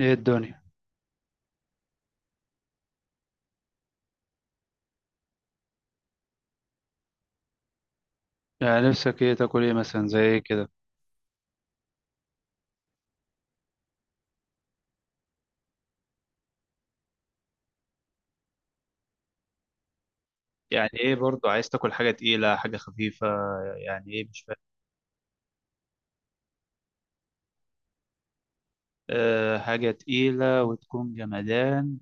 ايه الدنيا. يعني نفسك ايه تاكل، ايه مثلا، زي ايه كده؟ يعني ايه برضو، عايز تاكل حاجة تقيلة حاجة خفيفة؟ يعني ايه مش فاهم. أه، حاجة تقيلة وتكون جمدان.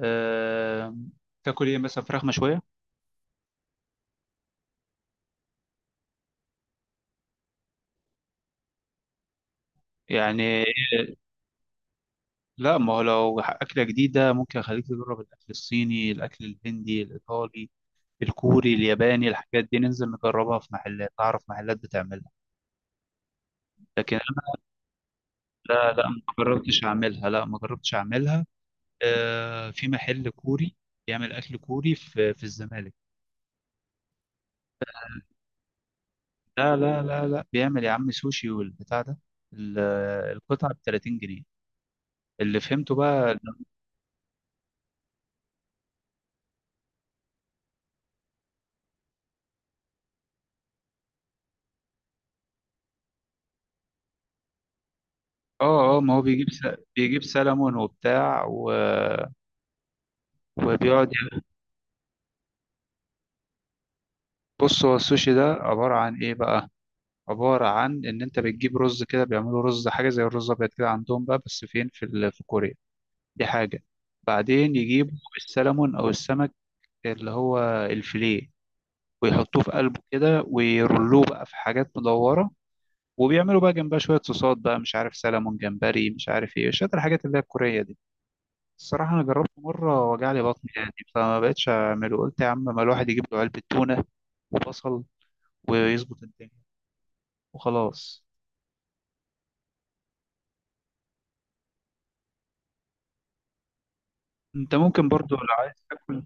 أه. تاكل ايه مثلا؟ فراخ مشوية يعني؟ لا، ما هو لو أكلة جديدة ممكن أخليك تجرب الأكل الصيني، الأكل الهندي، الإيطالي، الكوري، الياباني، الحاجات دي ننزل نجربها في محلات، أعرف محلات بتعملها. لكن أنا، لا لا، ما جربتش أعملها، لا ما جربتش أعملها. آه، في محل كوري بيعمل اكل كوري في في الزمالك. لا لا لا لا، بيعمل يا عم سوشي والبتاع ده. ال- القطعه ب 30 جنيه. اللي فهمته بقى إن- اه، اه، ما هو بيجيب سلمون وبتاع وبيقعد ي- بص، هو السوشي ده عباره عن ايه بقى؟ عباره عن ان انت بتجيب رز كده، بيعملوا رز حاجه زي الرز الابيض كده عندهم بقى، بس فين؟ في في كوريا. دي حاجه. بعدين يجيبوا السلمون او السمك، اللي هو الفيليه، ويحطوه في قلبه كده ويرلوه بقى في حاجات مدورة، وبيعملوا بقى جنبها شوية صوصات بقى، مش عارف سلمون جمبري مش عارف ايه، شوية الحاجات اللي هي الكورية دي. الصراحة أنا جربته مرة، وجع لي بطني يعني، فما بقتش أعمله. قلت يا عم ما الواحد يجيب له علبة تونة وبصل ويظبط الدنيا وخلاص. أنت ممكن برضو لو عايز تاكل،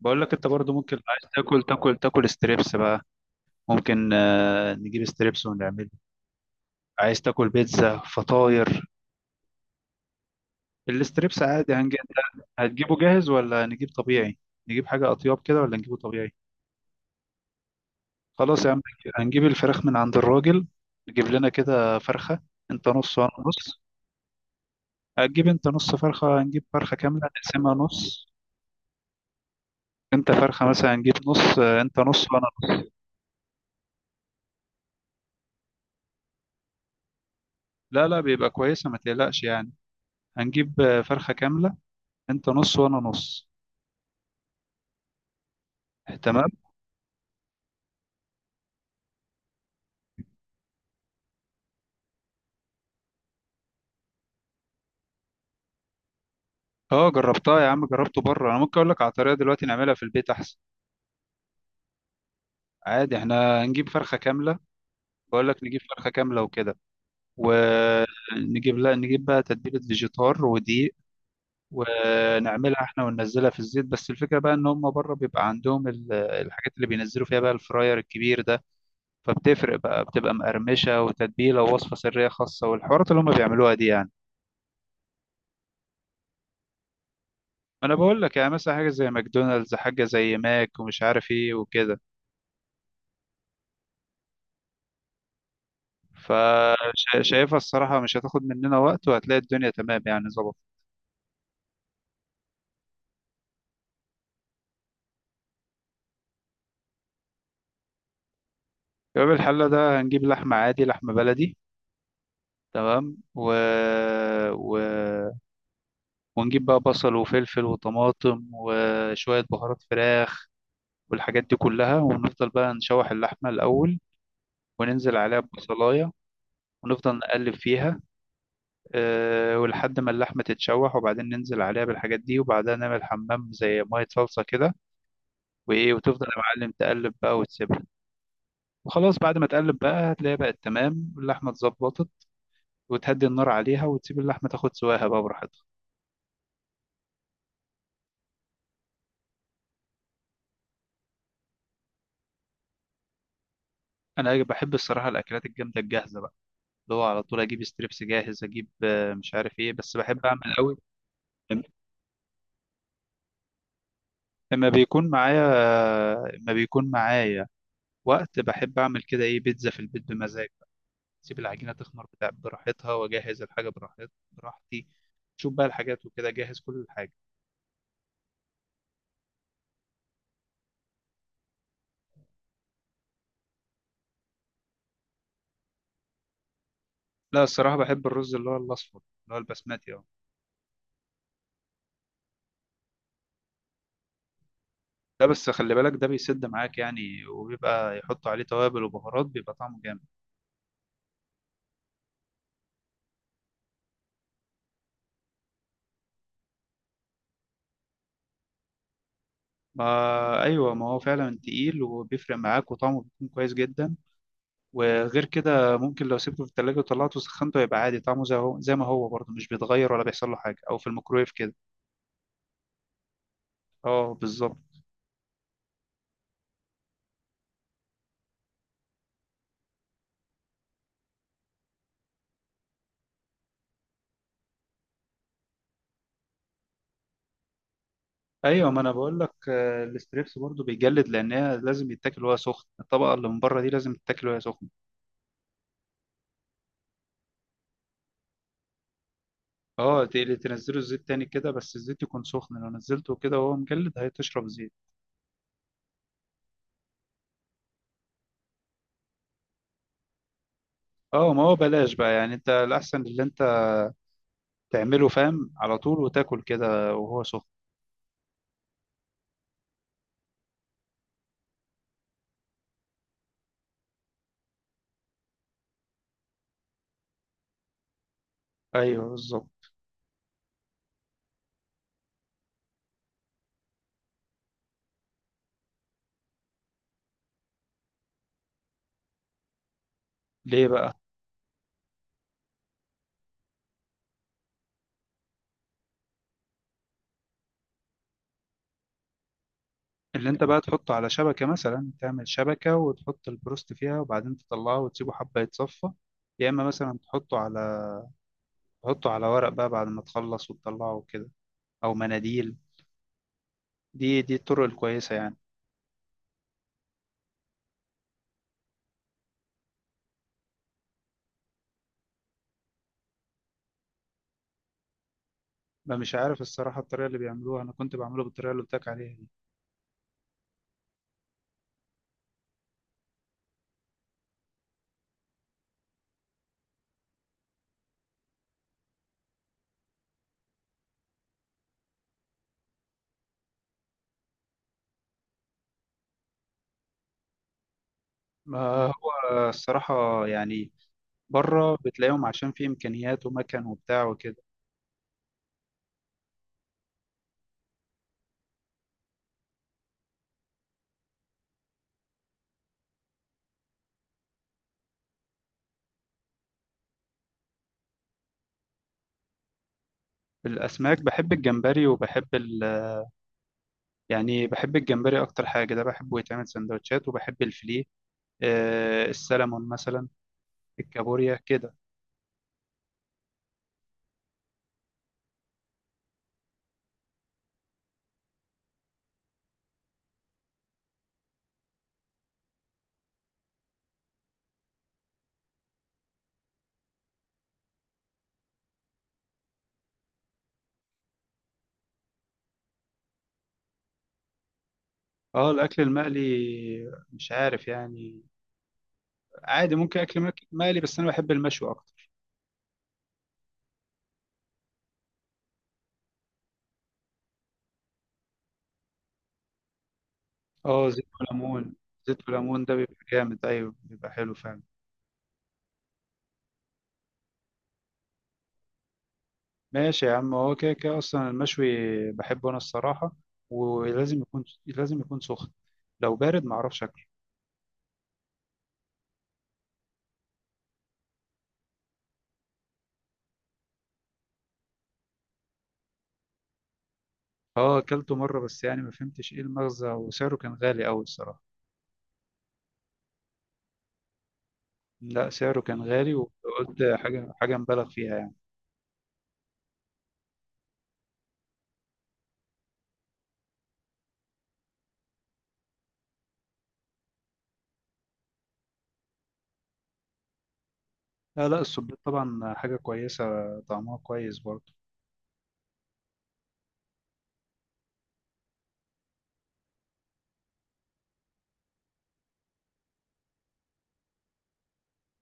بقول لك أنت برضو ممكن لو عايز تاكل، تاكل ستريبس بقى. ممكن آه، نجيب ستريبس ونعمله. عايز تاكل بيتزا، فطاير؟ الستريبس عادي هنجي هتجيبه جاهز ولا نجيب طبيعي؟ نجيب حاجة أطياب كده ولا نجيبه طبيعي؟ خلاص يا عم. هنجيب الفراخ من عند الراجل، نجيب لنا كده فرخة، انت نص وانا نص. هتجيب انت نص فرخة، هنجيب فرخة كاملة نقسمها نص. انت فرخة مثلا هنجيب نص، آه، انت نص وانا نص. لا لا، بيبقى كويسة ما تقلقش يعني. هنجيب آه، فرخة كاملة، انت نص وانا نص. تمام. اه جربتها يا عم، جربته بره. انا ممكن اقول لك على طريقة دلوقتي نعملها في البيت احسن. عادي، احنا هنجيب فرخة كاملة، بقول لك نجيب فرخة كاملة وكده. ونجيب، لا نجيب بقى تتبيلة فيجيتار ودقيق، ونعملها احنا وننزلها في الزيت. بس الفكرة بقى ان هم بره بيبقى عندهم الحاجات اللي بينزلوا فيها بقى، الفراير الكبير ده، فبتفرق بقى، بتبقى مقرمشة وتتبيلة ووصفة سرية خاصة والحوارات اللي هم بيعملوها دي يعني. ما انا بقول لك يعني مثلا حاجة زي ماكدونالدز، حاجة زي ماك ومش عارف ايه وكده. فشايفها الصراحة مش هتاخد مننا وقت، وهتلاقي الدنيا تمام يعني، ظبط. يبقى الحلة ده هنجيب لحمة عادي، لحمة بلدي، تمام، و... ونجيب بقى بصل وفلفل وطماطم وشوية بهارات فراخ والحاجات دي كلها، ونفضل بقى نشوح اللحمة الأول، وننزل عليها ببصلاية، ونفضل نقلب فيها. أه، ولحد ما اللحمة تتشوح، وبعدين ننزل عليها بالحاجات دي، وبعدها نعمل حمام زي مية صلصة كده وإيه، وتفضل يا معلم تقلب بقى وتسيبها. وخلاص بعد ما تقلب بقى هتلاقيها بقت تمام، اللحمة اتظبطت، وتهدي النار عليها وتسيب اللحمة تاخد سواها بقى براحتها. انا بحب الصراحه الاكلات الجامده الجاهزه بقى، اللي هو على طول اجيب ستريبس جاهز، اجيب آه، مش عارف ايه، بس بحب اعمل قوي. اما بيكون معايا، اما بيكون معايا وقت بحب اعمل كده ايه، بيتزا في البيت بمزاج بقى، اسيب العجينه تخمر بتاع براحتها، واجهز الحاجه براحتي، شوف بقى الحاجات وكده، جهز كل الحاجه. لا الصراحه بحب الرز اللي هو الاصفر، اللي هو البسمتي اه. ده بس خلي بالك ده بيسد معاك يعني، وبيبقى يحطوا عليه توابل وبهارات، بيبقى طعمه جامد. ما ايوه، ما هو فعلا تقيل وبيفرق معاك، وطعمه بيكون كويس جدا. وغير كده ممكن لو سبته في التلاجة وطلعته وسخنته يبقى عادي، طعمه زي هو زي ما هو برضه، مش بيتغير ولا بيحصل له حاجه، او في الميكرويف كده. اه بالظبط. ايوه، ما انا بقول لك آه، الستريبس برضه بيجلد، لانها لازم يتاكل وهي سخن. الطبقه اللي من بره دي لازم تتاكل وهي سخنه. اه، تنزله الزيت تاني كده، بس الزيت يكون سخن، لو نزلته كده وهو مجلد هيتشرب زيت. اه ما هو بلاش بقى يعني، انت الاحسن اللي انت تعمله فاهم على طول، وتاكل كده وهو سخن. ايوه بالظبط. ليه بقى؟ اللي انت بقى تحطه على شبكه مثلا، تعمل شبكه وتحط البروست فيها، وبعدين تطلعه وتسيبه حبه يتصفى. يا اما مثلا تحطه على تحطه على ورق بقى بعد ما تخلص وتطلعه وكده، او مناديل. دي الطرق الكويسه يعني. ما مش عارف الصراحه الطريقه اللي بيعملوها، انا كنت بعمله بالطريقه اللي قلت لك عليها دي. ما هو الصراحه يعني، بره بتلاقيهم عشان في امكانيات ومكان وبتاع وكده. الاسماك بحب الجمبري وبحب ال، يعني بحب الجمبري اكتر حاجه، ده بحبه يتعمل سندوتشات، وبحب الفيليه آه، السلمون مثلا، الكابوريا كده. اه الاكل المقلي مش عارف يعني، عادي ممكن اكل مقلي، بس انا بحب المشوي اكتر. اه، زيت وليمون. زيت وليمون ده بيبقى جامد، ايوه بيبقى حلو فعلا. ماشي يا عم. هو كده كده اصلا المشوي بحبه انا الصراحه، ولازم يكون، لازم يكون سخن، لو بارد معرفش اكله. اه اكلته مره، بس يعني ما فهمتش ايه المغزى، وسعره كان غالي قوي الصراحه. لا سعره كان غالي، وقلت حاجة، حاجة مبالغ فيها يعني. لا لا، السبيط طبعا حاجة كويسة، طعمها كويس برضه.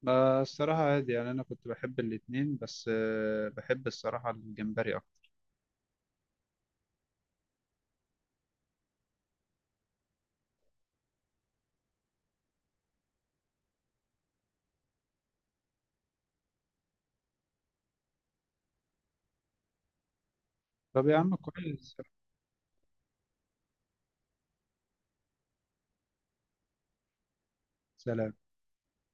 ما الصراحة عادي يعني، أنا كنت بحب الاتنين، بس آه، بحب الصراحة الجمبري أكتر. طب يا عم كويس. سلام.